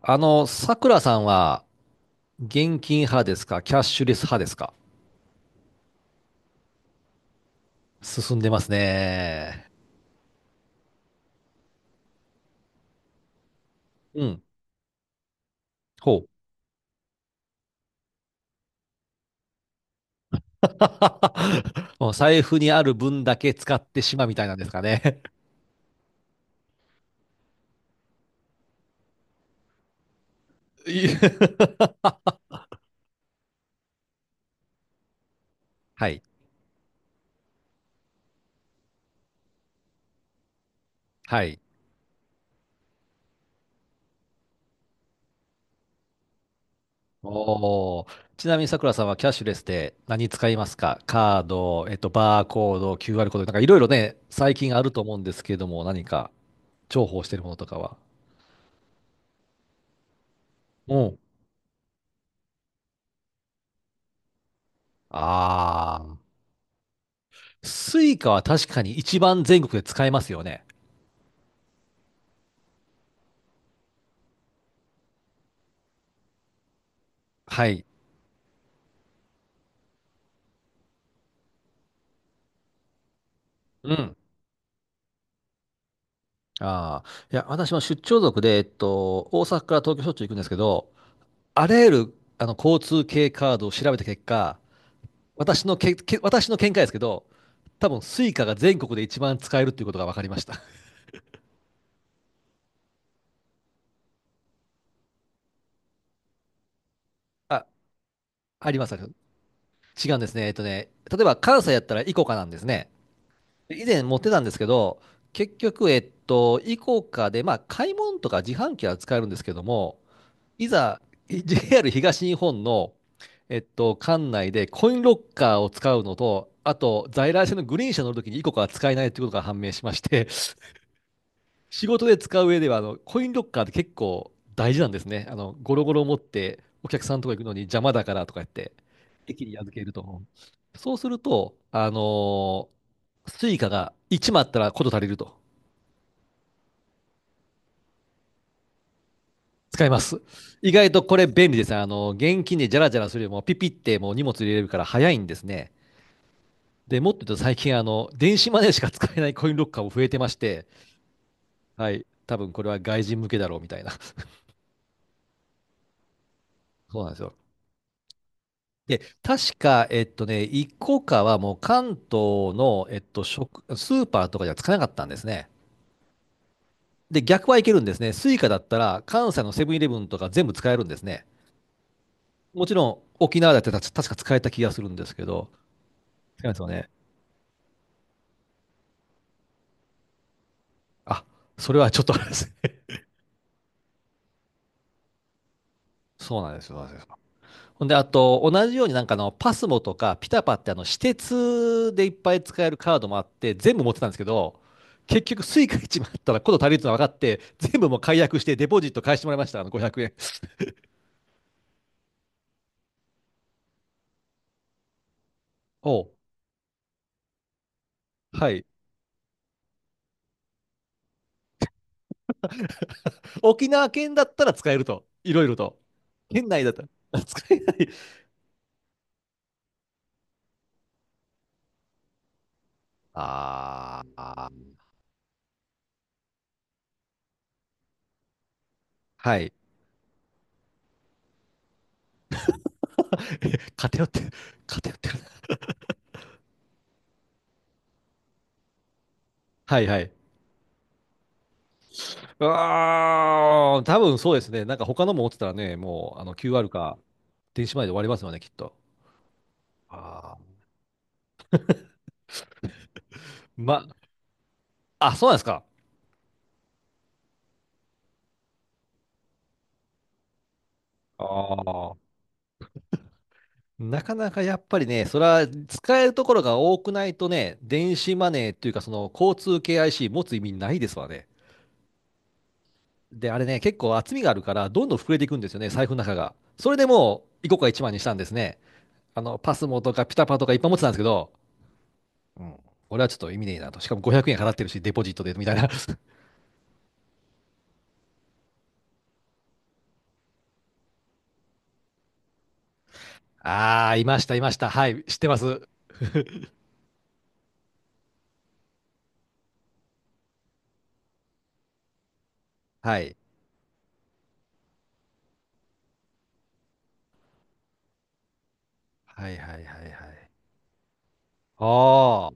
あの、さくらさんは、現金派ですか、キャッシュレス派ですか？進んでますね。うん。ほう。もう財布にある分だけ使ってしまうみたいなんですかね。いえ。はい。はい。おー。ちなみにさくらさんはキャッシュレスで何使いますか？カード、バーコード、QR コード、いろいろね、最近あると思うんですけども、何か重宝してるものとかは？うん。ああ。スイカは確かに一番全国で使えますよね。はい。うん。ああ。いや、私も出張族で、大阪から東京しょっちゅう行くんですけど、あらゆる、交通系カードを調べた結果、私の見解ですけど、多分、スイカが全国で一番使えるっていうことが分かりました。あ、あります。違うんですね。例えば関西やったらイコカなんですね。以前持ってたんですけど、結局、イコカで、買い物とか自販機は使えるんですけども、いざ JR 東日本の、管内でコインロッカーを使うのと、あと在来線のグリーン車乗るときにイコカは使えないということが判明しまして、仕事で使う上ではコインロッカーって結構大事なんですね。ゴロゴロ持ってお客さんのとこ行くのに邪魔だからとか言って、駅に預けると。そうすると、スイカが1枚あったらこと足りると。使います。意外とこれ便利ですね。現金でジャラジャラするよりもピピってもう荷物入れれるから早いんですね。で、もっと言うと最近電子マネーしか使えないコインロッカーも増えてまして、はい。多分これは外人向けだろうみたいな。そうなんですよ。で、確か、一個かはもう関東の、スーパーとかじゃ使えなかったんですね。で、逆はいけるんですね。スイカだったら関西のセブンイレブンとか全部使えるんですね。もちろん沖縄だってた確か使えた気がするんですけど、使えますよね。あ、それはちょっとあれですね。そうなんですよ。そうなんですよ。ほんで、あと、同じようにパスモとかピタパって私鉄でいっぱい使えるカードもあって、全部持ってたんですけど、結局スイカ1枚あったらこと足りるってのが分かって、全部もう解約してデポジット返してもらいました。500円。おう。はい。沖縄県だったら使えると。いろいろと。県内だったら 使えない。あーあー、はい。偏って、偏ってるな。はいはい。ああ、多分そうですね。他のも持ってたらね、もうQR か電子マネーで終わりますよね、きっと。ああ。ま、あ、そうなんですか。ああ。なかなかやっぱりね、それは使えるところが多くないとね、電子マネーっていうかその交通系 IC 持つ意味ないですわね。で、あれね、結構厚みがあるから、どんどん膨れていくんですよね、財布の中が。それでもう、い個か1万にしたんですね。パスモとかピタパとかいっぱい持ってたんですけど、うん。俺はちょっと意味ねえなと。しかも500円払ってるし、デポジットで、みたいな。ああ、いました、いました。はい、知ってます。はい。はいはいはいはい。あ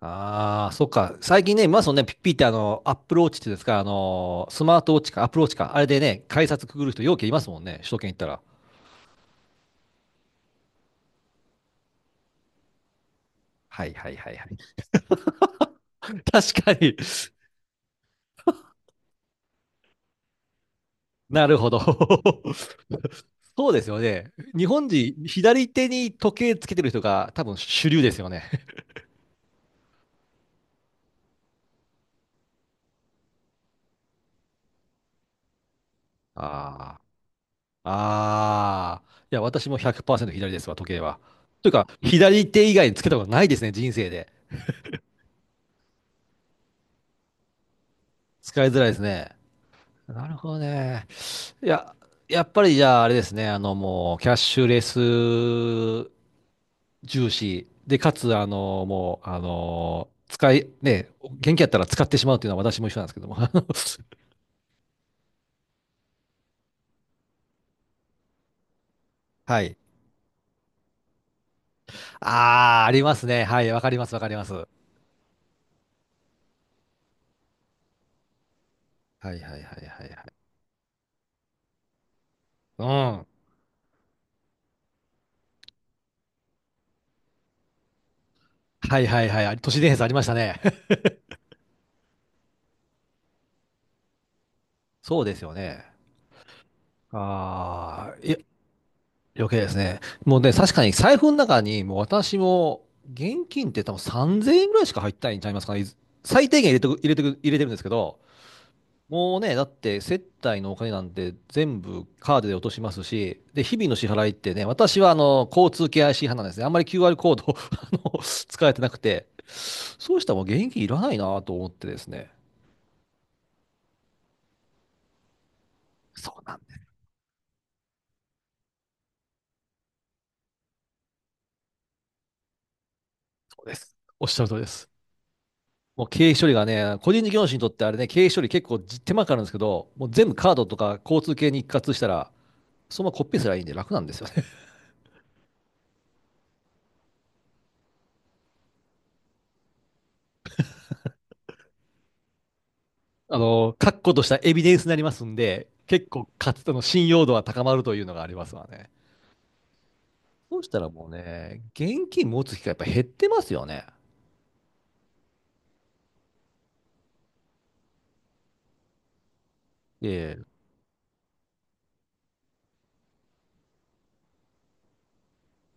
あ、ああ、そっか。最近ね、見ますよね、ピッピってアップルウォッチっていうんですか、スマートウォッチか、アップルウォッチか、あれでね、改札くぐる人、ようけいますもんね、首都圏行ったら。はいはいはいはい。確かに。なるほど。そうですよね。日本人、左手に時計つけてる人が多分主流ですよね。ああ。ああ。いや、私も100%左ですわ、時計は。というか、左手以外につけたことないですね、人生で。使いづらいですね。なるほどね。いや、やっぱりじゃああれですね、あのもう、キャッシュレス重視。で、かつ、あの、もう、あの、使い、ね、元気やったら使ってしまうというのは私も一緒なんですけども。はい。ああ、ありますね。はい、わかります、わかります。はい。はいはいはいはい。うん。はいはいはい。都市伝説ありましたね。そうですよね。ああ、いや、余計ですね。もうね、確かに財布の中に、もう私も、現金って多分3000円ぐらいしか入ってないんちゃいますかね。いず最低限入れてるんですけど、もうね、だって接待のお金なんて全部カードで落としますし、で、日々の支払いってね、私は交通系 IC 派なんですね。あんまり QR コードを あ使えてなくて、そうしたらもう現金いらないなと思ってですね。そうなんです。そうです。おっしゃる通りです。もう経費処理がね、個人事業主にとってあれね、経費処理結構手間かかるんですけど、もう全部カードとか交通系に一括したら、そのままコピーすればいいんで楽なんですよね。確固としたエビデンスになりますんで、結構かつての信用度は高まるというのがありますわね。そうしたらもうね、現金持つ機会やっぱ減ってますよね。ええ、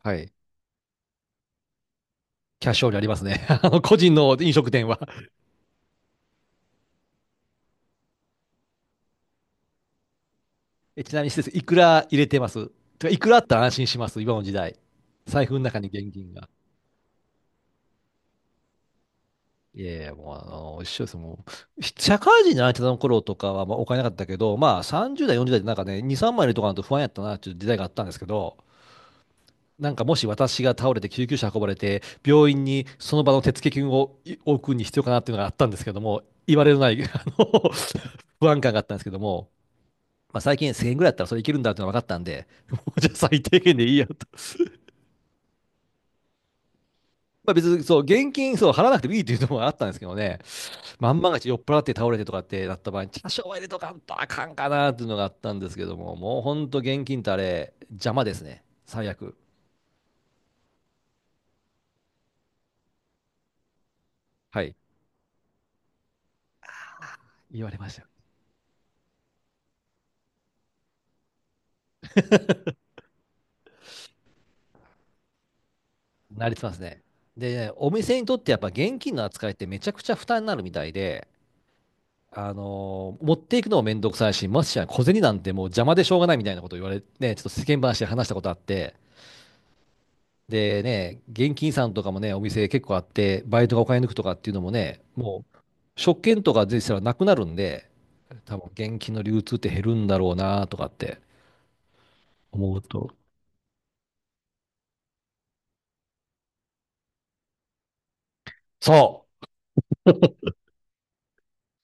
はい。キャッシュオンにありますね。個人の飲食店は。え、ちなみに施設、いくら入れてます？てかいくらあったら安心します、今の時代。財布の中に現金が。いやいや、もうあの、一緒です。社会人になってたの頃とかは、お金なかったけど、30代、40代でなんかね、2、3いのとかだと不安やったな、っていう時代があったんですけど、なんかもし私が倒れて救急車運ばれて、病院にその場の手付金を置くに必要かなっていうのがあったんですけども、言われのない、不安感があったんですけども、まあ、最近1000円ぐらいだったらそれいけるんだっていうのが分かったんで、もうじゃあ最低限でいいやと。まあ別にそう、現金そう払わなくてもいいっていうのもあったんですけどね、まんまがち酔っ払って倒れてとかってなった場合に、多少は入れとかんとあかんかなっていうのがあったんですけども、もうほんと現金ってあれ、邪魔ですね。最悪。はい。言われましたよ。なりつますね。で、お店にとってやっぱ現金の扱いってめちゃくちゃ負担になるみたいで、持っていくのもめんどくさいし、ましてや小銭なんてもう邪魔でしょうがないみたいなこと言われて、ね、ちょっと世間話で話したことあって、でね、現金さんとかもね、お店結構あって、バイトがお金抜くとかっていうのもね、もう、食券とか税したらなくなるんで、多分現金の流通って減るんだろうなとかって思うと。そう。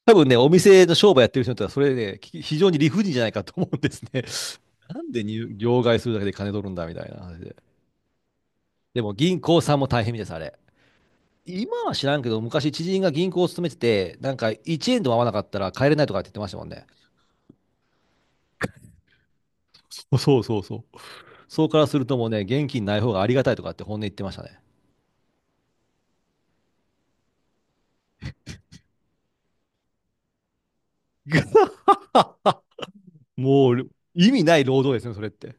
多分ね、お店の商売やってる人にとっては、それね、非常に理不尽じゃないかと思うんですね。なんで両替するだけで金取るんだみたいな話で。でも銀行さんも大変みたいです、あれ。今は知らんけど、昔知人が銀行を勤めてて、なんか1円でも合わなかったら帰れないとかって言ってましたもんね。そうそうそうそう。そうからするともうね、現金ない方がありがたいとかって本音言ってましたね。もう、意味ない労働ですね、それって。